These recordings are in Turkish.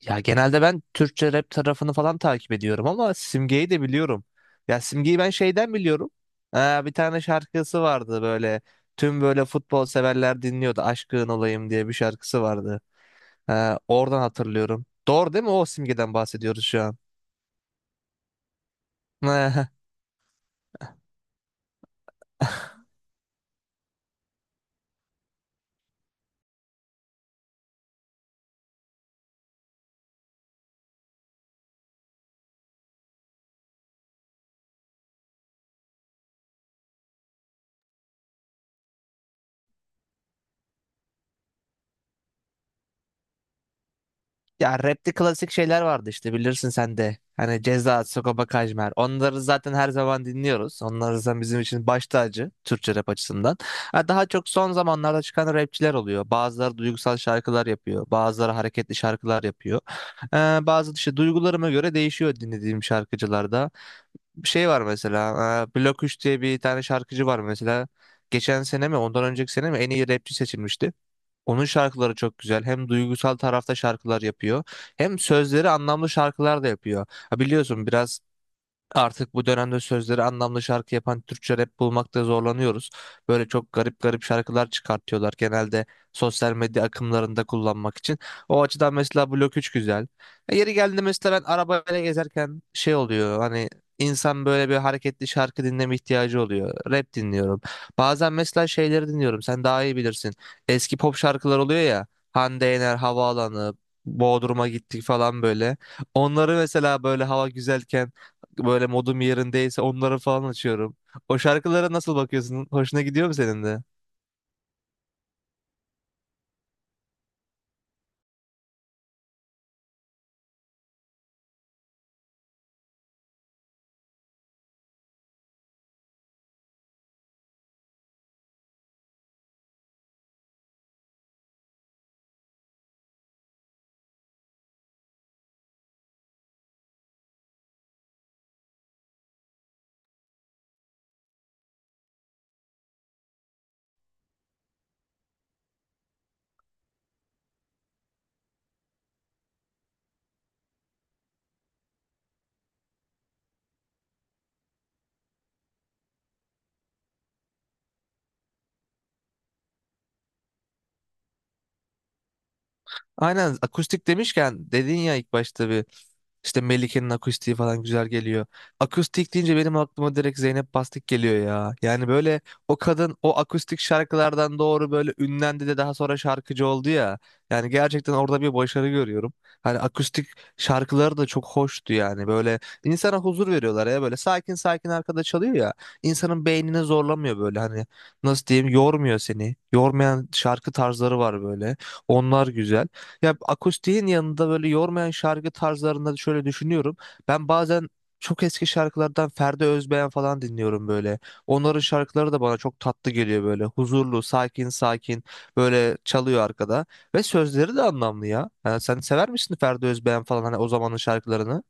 Ya genelde ben Türkçe rap tarafını falan takip ediyorum ama Simge'yi de biliyorum. Ya Simge'yi ben şeyden biliyorum. Bir tane şarkısı vardı böyle. Tüm böyle futbol severler dinliyordu. Aşkın olayım diye bir şarkısı vardı. Oradan hatırlıyorum. Doğru değil mi? O Simge'den bahsediyoruz şu an. Ya rapte klasik şeyler vardı işte bilirsin sen de. Hani Ceza, Sagopa Kajmer. Onları zaten her zaman dinliyoruz. Onlar zaten bizim için baş tacı Türkçe rap açısından. Ha, daha çok son zamanlarda çıkan rapçiler oluyor. Bazıları duygusal şarkılar yapıyor. Bazıları hareketli şarkılar yapıyor. Ee, Bazı işte duygularıma göre değişiyor dinlediğim şarkıcılarda. Bir şey var mesela. Blok 3 diye bir tane şarkıcı var mesela. Geçen sene mi ondan önceki sene mi en iyi rapçi seçilmişti. Onun şarkıları çok güzel. Hem duygusal tarafta şarkılar yapıyor, hem sözleri anlamlı şarkılar da yapıyor. Ha biliyorsun biraz artık bu dönemde sözleri anlamlı şarkı yapan Türkçe rap bulmakta zorlanıyoruz. Böyle çok garip garip şarkılar çıkartıyorlar genelde sosyal medya akımlarında kullanmak için. O açıdan mesela Blok 3 güzel. Yeri geldi mesela ben arabayla gezerken şey oluyor, hani insan böyle bir hareketli şarkı dinleme ihtiyacı oluyor. Rap dinliyorum. Bazen mesela şeyleri dinliyorum, sen daha iyi bilirsin. Eski pop şarkılar oluyor ya, Hande Yener, Havaalanı, Bodrum'a gittik falan böyle. Onları mesela böyle hava güzelken, böyle modum yerindeyse onları falan açıyorum. O şarkılara nasıl bakıyorsun? Hoşuna gidiyor mu senin de? Aynen, akustik demişken dedin ya ilk başta bir, İşte Melike'nin akustiği falan güzel geliyor. Akustik deyince benim aklıma direkt Zeynep Bastık geliyor ya. Yani böyle o kadın o akustik şarkılardan doğru böyle ünlendi de daha sonra şarkıcı oldu ya. Yani gerçekten orada bir başarı görüyorum. Hani akustik şarkıları da çok hoştu yani. Böyle insana huzur veriyorlar ya, böyle sakin sakin arkada çalıyor ya. İnsanın beynini zorlamıyor, böyle hani nasıl diyeyim, yormuyor seni. Yormayan şarkı tarzları var böyle. Onlar güzel. Ya akustiğin yanında böyle yormayan şarkı tarzlarında şöyle düşünüyorum. Ben bazen çok eski şarkılardan Ferdi Özbeğen falan dinliyorum böyle. Onların şarkıları da bana çok tatlı geliyor böyle. Huzurlu, sakin sakin böyle çalıyor arkada. Ve sözleri de anlamlı ya. Yani sen sever misin Ferdi Özbeğen falan, hani o zamanın şarkılarını?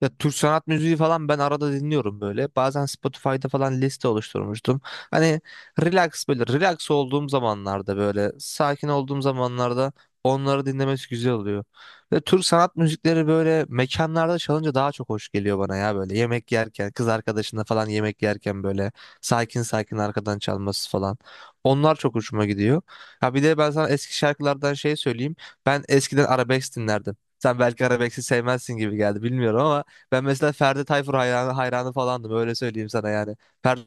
Ya Türk sanat müziği falan ben arada dinliyorum böyle. Bazen Spotify'da falan liste oluşturmuştum. Hani relax, böyle relax olduğum zamanlarda, böyle sakin olduğum zamanlarda onları dinlemesi güzel oluyor. Ve Türk sanat müzikleri böyle mekanlarda çalınca daha çok hoş geliyor bana ya, böyle yemek yerken, kız arkadaşına falan yemek yerken böyle sakin sakin arkadan çalması falan. Onlar çok hoşuma gidiyor. Ha bir de ben sana eski şarkılardan şey söyleyeyim. Ben eskiden arabesk dinlerdim. Sen belki arabesk'i sevmezsin gibi geldi, bilmiyorum, ama ben mesela Ferdi Tayfur hayranı, hayranı falandım, öyle söyleyeyim sana yani. Ferdi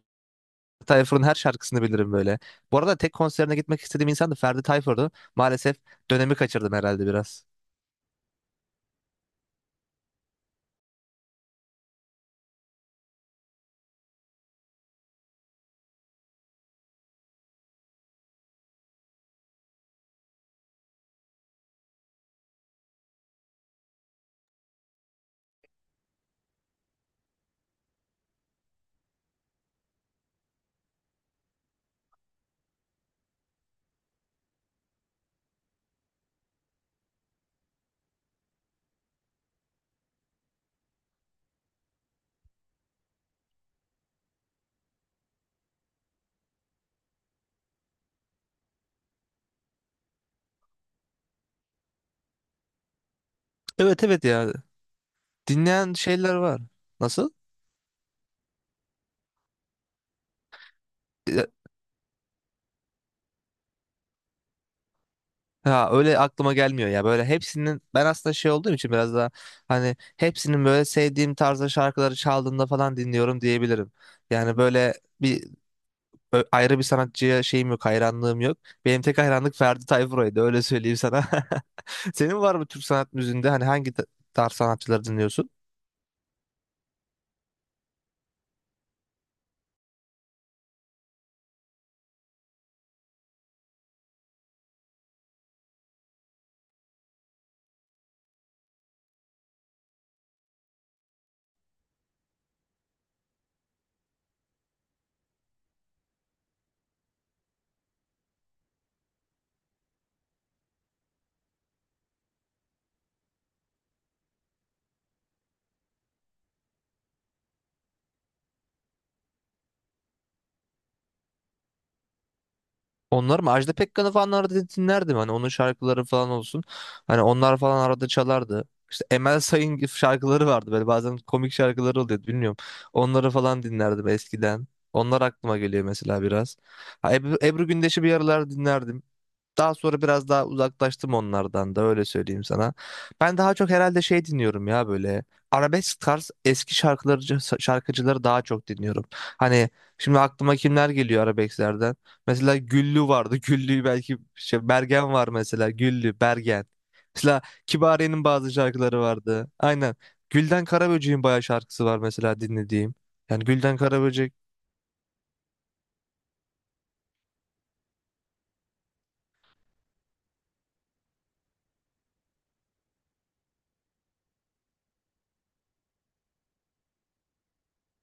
Tayfur'un her şarkısını bilirim böyle. Bu arada tek konserine gitmek istediğim insan da Ferdi Tayfur'du. Maalesef dönemi kaçırdım herhalde biraz. Evet evet ya. Dinleyen şeyler var. Nasıl? E, Ha öyle aklıma gelmiyor ya. Böyle hepsinin ben aslında şey olduğum için biraz daha, hani hepsinin böyle sevdiğim tarzda şarkıları çaldığında falan dinliyorum diyebilirim. Yani böyle bir ayrı bir sanatçıya şeyim yok, hayranlığım yok. Benim tek hayranlık Ferdi Tayfur'uydu, öyle söyleyeyim sana. Senin var mı Türk sanat müziğinde, hani hangi tarz sanatçıları dinliyorsun? Onlar mı? Ajda Pekkan'ı falan arada dinlerdim. Hani onun şarkıları falan olsun. Hani onlar falan arada çalardı. İşte Emel Sayın gibi şarkıları vardı. Böyle bazen komik şarkıları oluyordu. Bilmiyorum. Onları falan dinlerdim eskiden. Onlar aklıma geliyor mesela biraz. Ha, Ebru Gündeş'i bir aralar dinlerdim. Daha sonra biraz daha uzaklaştım onlardan da, öyle söyleyeyim sana. Ben daha çok herhalde şey dinliyorum ya böyle. Arabesk tarz eski şarkıları, şarkıcıları daha çok dinliyorum. Hani şimdi aklıma kimler geliyor arabesklerden? Mesela Güllü vardı. Güllü belki şey, Bergen var mesela. Güllü, Bergen. Mesela Kibariye'nin bazı şarkıları vardı. Aynen. Gülden Karaböcek'in bayağı şarkısı var mesela dinlediğim. Yani Gülden Karaböcek.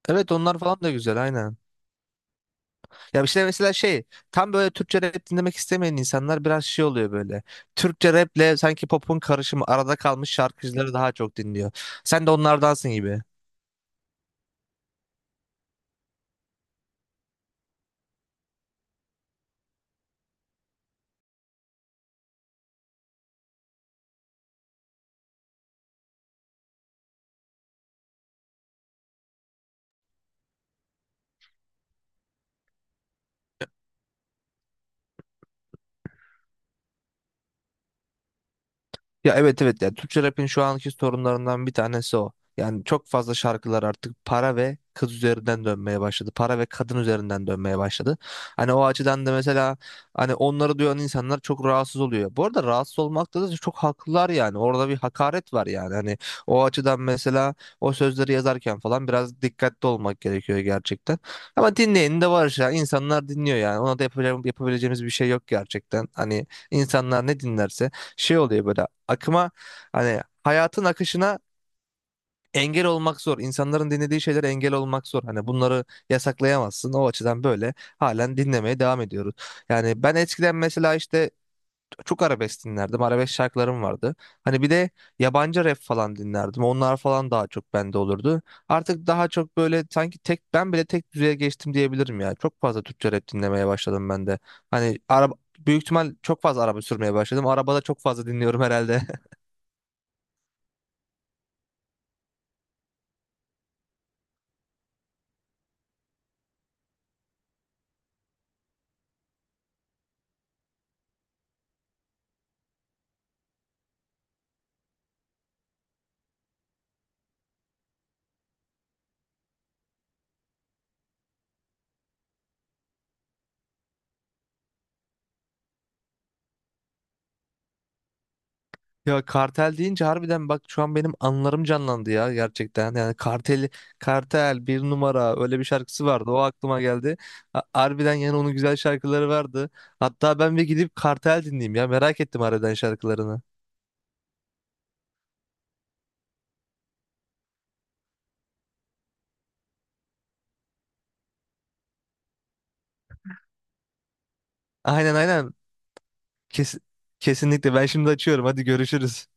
Evet, onlar falan da güzel, aynen. Ya işte mesela şey, tam böyle Türkçe rap dinlemek istemeyen insanlar biraz şey oluyor böyle. Türkçe raple sanki popun karışımı arada kalmış şarkıcıları daha çok dinliyor. Sen de onlardansın gibi. Ya evet evet ya, Türkçe rap'in şu anki sorunlarından bir tanesi o. Yani çok fazla şarkılar artık para ve kız üzerinden dönmeye başladı. Para ve kadın üzerinden dönmeye başladı. Hani o açıdan da mesela, hani onları duyan insanlar çok rahatsız oluyor. Bu arada rahatsız olmakta da çok haklılar yani. Orada bir hakaret var yani. Hani o açıdan mesela o sözleri yazarken falan biraz dikkatli olmak gerekiyor gerçekten. Ama dinleyen de var ya. İnsanlar dinliyor yani. Ona da yapacağım, yapabileceğimiz bir şey yok gerçekten. Hani insanlar ne dinlerse şey oluyor böyle, akıma, hani hayatın akışına engel olmak zor. İnsanların dinlediği şeylere engel olmak zor. Hani bunları yasaklayamazsın. O açıdan böyle halen dinlemeye devam ediyoruz. Yani ben eskiden mesela işte çok arabesk dinlerdim. Arabesk şarkılarım vardı. Hani bir de yabancı rap falan dinlerdim. Onlar falan daha çok bende olurdu. Artık daha çok böyle sanki tek, ben bile tek düzeye geçtim diyebilirim ya. Çok fazla Türkçe rap dinlemeye başladım ben de. Hani araba, büyük ihtimal çok fazla araba sürmeye başladım. Arabada çok fazla dinliyorum herhalde. Ya kartel deyince harbiden bak şu an benim anılarım canlandı ya, gerçekten. Yani kartel bir numara, öyle bir şarkısı vardı. O aklıma geldi. Harbiden yani onun güzel şarkıları vardı. Hatta ben bir gidip kartel dinleyeyim ya. Merak ettim harbiden şarkılarını. Aynen aynen. Kes- Kesinlikle ben şimdi açıyorum. Hadi görüşürüz.